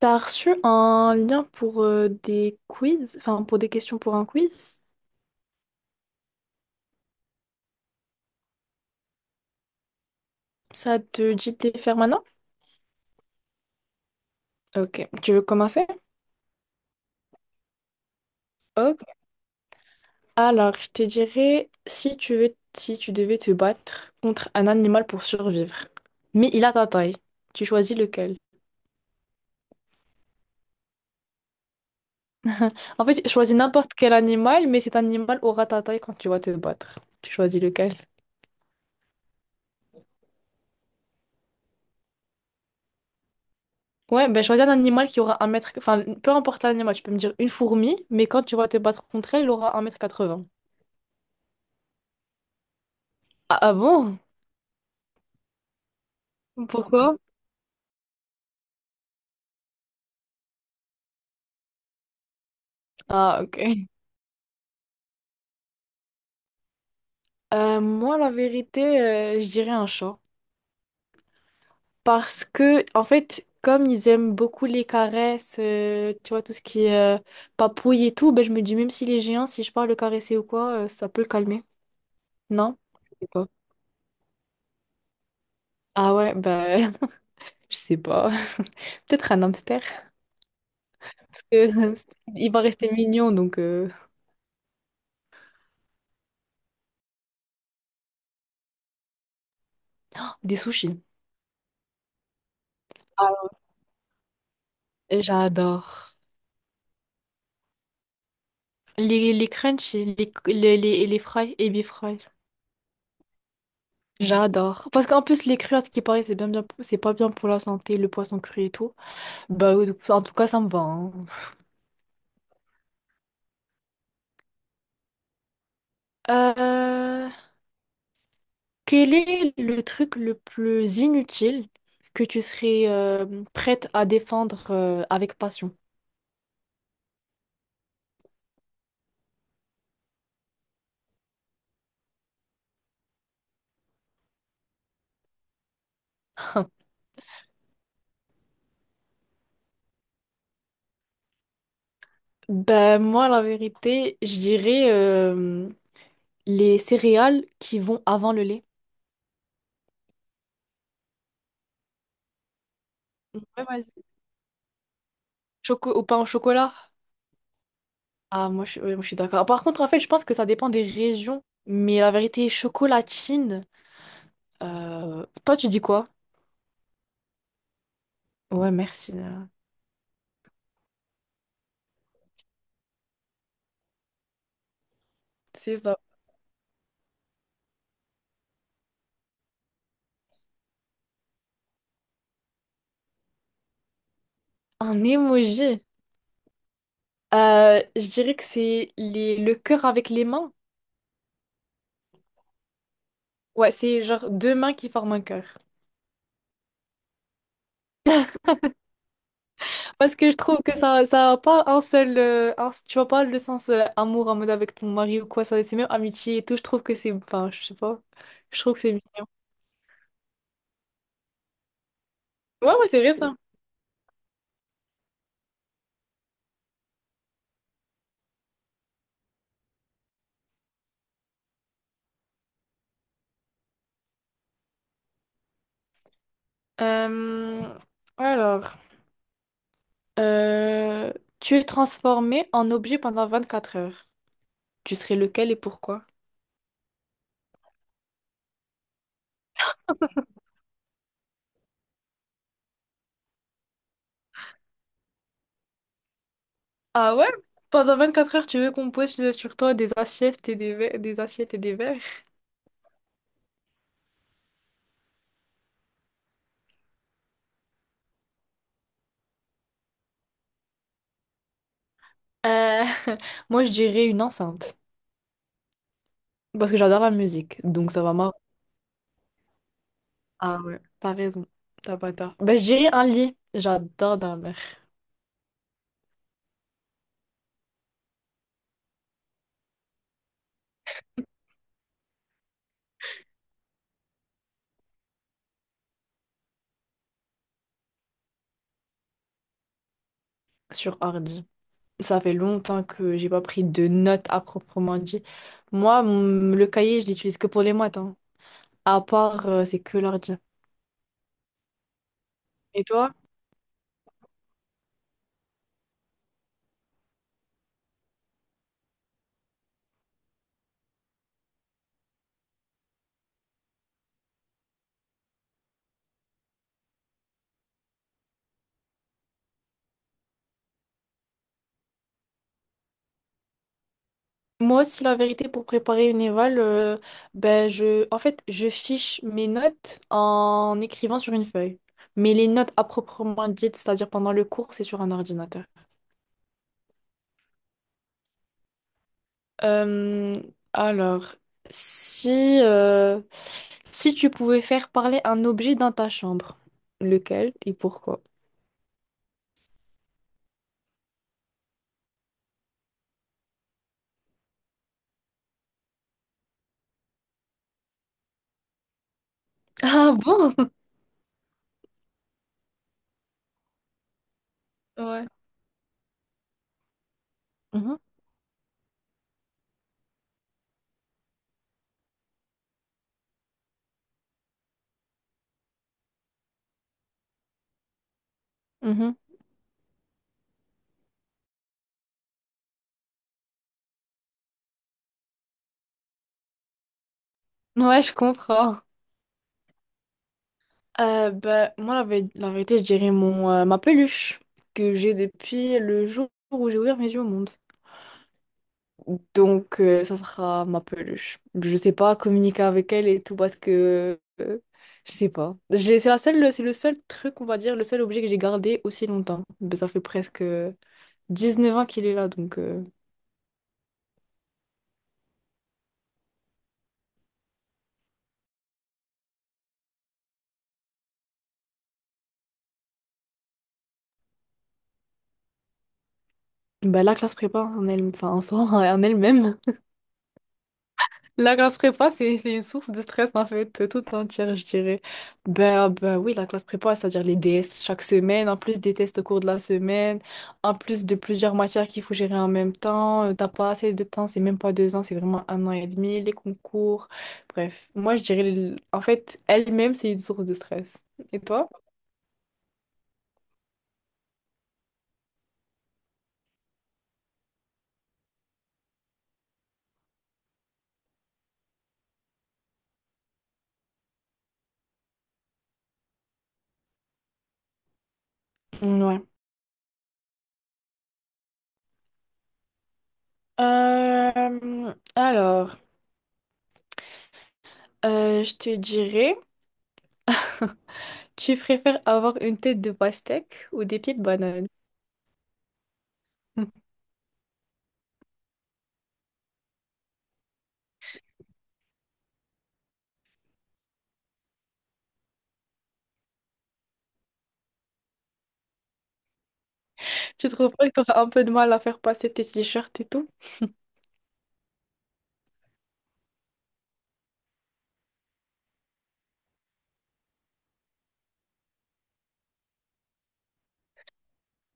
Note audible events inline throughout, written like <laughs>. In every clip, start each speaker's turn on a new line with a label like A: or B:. A: T'as reçu un lien pour des quiz, enfin pour des questions pour un quiz? Ça te dit de les faire maintenant? Ok, tu veux commencer? Ok. Alors, je te dirais si tu veux, si tu devais te battre contre un animal pour survivre, mais il a ta taille, tu choisis lequel? <laughs> En fait, tu choisis n'importe quel animal, mais cet animal aura ta taille quand tu vas te battre. Tu choisis lequel? Ouais, ben choisis un animal qui aura un mètre, enfin peu importe l'animal, tu peux me dire une fourmi, mais quand tu vas te battre contre elle, elle aura 1 m 80. Ah, ah bon? Pourquoi? Ah, ok. Moi, la vérité, je dirais un chat. Parce que, en fait, comme ils aiment beaucoup les caresses, tu vois, tout ce qui est papouille et tout, ben, je me dis, même s'il est géant, si je pars le caresser ou quoi, ça peut le calmer. Non? Je sais pas. Ah ouais, ben, <laughs> je sais pas. <laughs> Peut-être un hamster. Parce que <laughs> il va rester mignon, donc. Des sushis. Alors, j'adore. Les crunchies, les fries, ebi fry. J'adore. Parce qu'en plus, les crues, à ce qui paraît, c'est bien, bien, c'est pas bien pour la santé, le poisson cru et tout. Bah, oui, en tout cas, ça me va, hein. Euh, Quel est le truc le plus inutile que tu serais prête à défendre avec passion? <laughs> Ben, moi, la vérité, je dirais les céréales qui vont avant le lait. Ouais, vas-y. Choco au pain au chocolat? Ah, moi, je, ouais, moi, je suis d'accord. Par contre, en fait, je pense que ça dépend des régions. Mais la vérité, chocolatine. Toi, tu dis quoi? Ouais, merci, euh. C'est ça. Un emoji. Je dirais que c'est les... le cœur avec les mains. Ouais, c'est genre deux mains qui forment un cœur. Parce que je trouve que ça a pas un seul, tu vois pas le sens amour en mode avec ton mari ou quoi, ça, c'est même amitié et tout. Je trouve que c'est. Enfin, je sais pas. Je trouve que c'est mignon. Ouais, ouais, c'est vrai ça. Euh, Alors, euh, tu es transformé en objet pendant 24 heures. Tu serais lequel et pourquoi? Ah ouais? Pendant 24 heures, tu veux qu'on pose sur toi des assiettes et des verres, des assiettes et des verres? Euh, <laughs> moi, je dirais une enceinte. Parce que j'adore la musique, donc ça va marre. Ah ouais, t'as raison. T'as pas tort. Bah, je dirais un lit. J'adore dormir sur ordi. Ça fait longtemps que j'ai pas pris de notes à proprement dit. Moi, le cahier, je l'utilise que pour les maths, hein. À part, c'est que l'ordi. Et toi? Moi aussi, la vérité, pour préparer une éval, ben je, en fait, je fiche mes notes en écrivant sur une feuille. Mais les notes à proprement dites, c'est-à-dire pendant le cours, c'est sur un ordinateur. Euh, alors, si, si tu pouvais faire parler un objet dans ta chambre, lequel et pourquoi? Ah bon? Ouais. <laughs> Mhm, mhm. Ouais, je comprends. Bah, moi, la, la vérité, je dirais mon, ma peluche que j'ai depuis le jour où j'ai ouvert mes yeux au monde. Donc, ça sera ma peluche. Je sais pas communiquer avec elle et tout parce que je sais pas. J'ai- C'est la seule, c'est le seul truc, on va dire, le seul objet que j'ai gardé aussi longtemps. Ben ça fait presque 19 ans qu'il est là, donc. Bah, la classe prépa en elle, enfin, en soi, <laughs> en elle-même. La classe prépa, c'est une source de stress en fait, toute entière, je dirais. Ben, ben oui, la classe prépa, c'est-à-dire les DS chaque semaine, en plus des tests au cours de la semaine, en plus de plusieurs matières qu'il faut gérer en même temps, t'as pas assez de temps, c'est même pas deux ans, c'est vraiment un an et demi, les concours. Bref, moi je dirais, en fait, elle-même, c'est une source de stress. Et toi? Ouais. Alors, je te dirais, <laughs> tu préfères avoir une tête de pastèque ou des pieds de banane? <laughs> Tu trouves pas que t'auras un peu de mal à faire passer tes t-shirts et tout?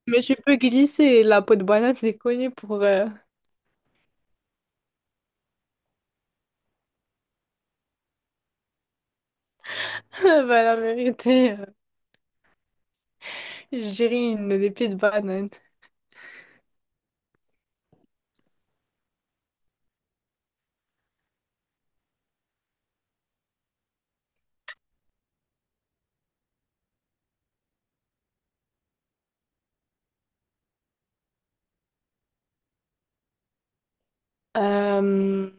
A: Mais tu peux glisser. La peau de banane, c'est connu pour... <laughs> bah, la vérité, je dirais une des pieds de banane. Euh,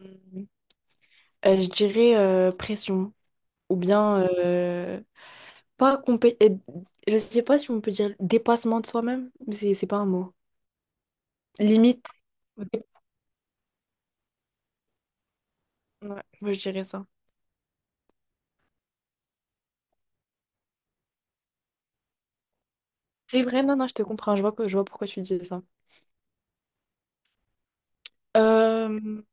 A: je dirais pression. Ou bien, pas compé... je sais pas si on peut dire dépassement de soi-même, mais c'est pas un mot. Limite. Ouais, moi je dirais ça. C'est vrai, non, non, je te comprends, je vois, je vois pourquoi tu dis ça. Euh,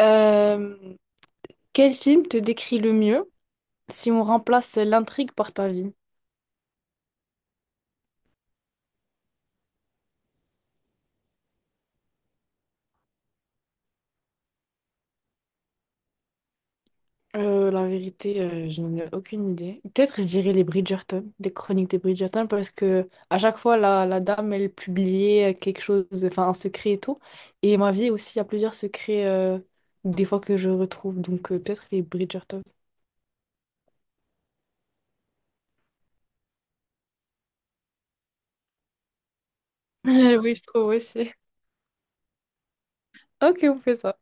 A: euh, quel film te décrit le mieux? Si on remplace l'intrigue par ta vie, la vérité, je n'en ai aucune idée. Peut-être je dirais les Bridgerton, les chroniques des Bridgerton, parce que à chaque fois, la dame, elle publiait quelque chose, enfin un secret et tout. Et ma vie aussi, il y a plusieurs secrets, des fois que je retrouve. Donc peut-être les Bridgerton. <laughs> Oui, je trouve aussi. Ok, on fait ça.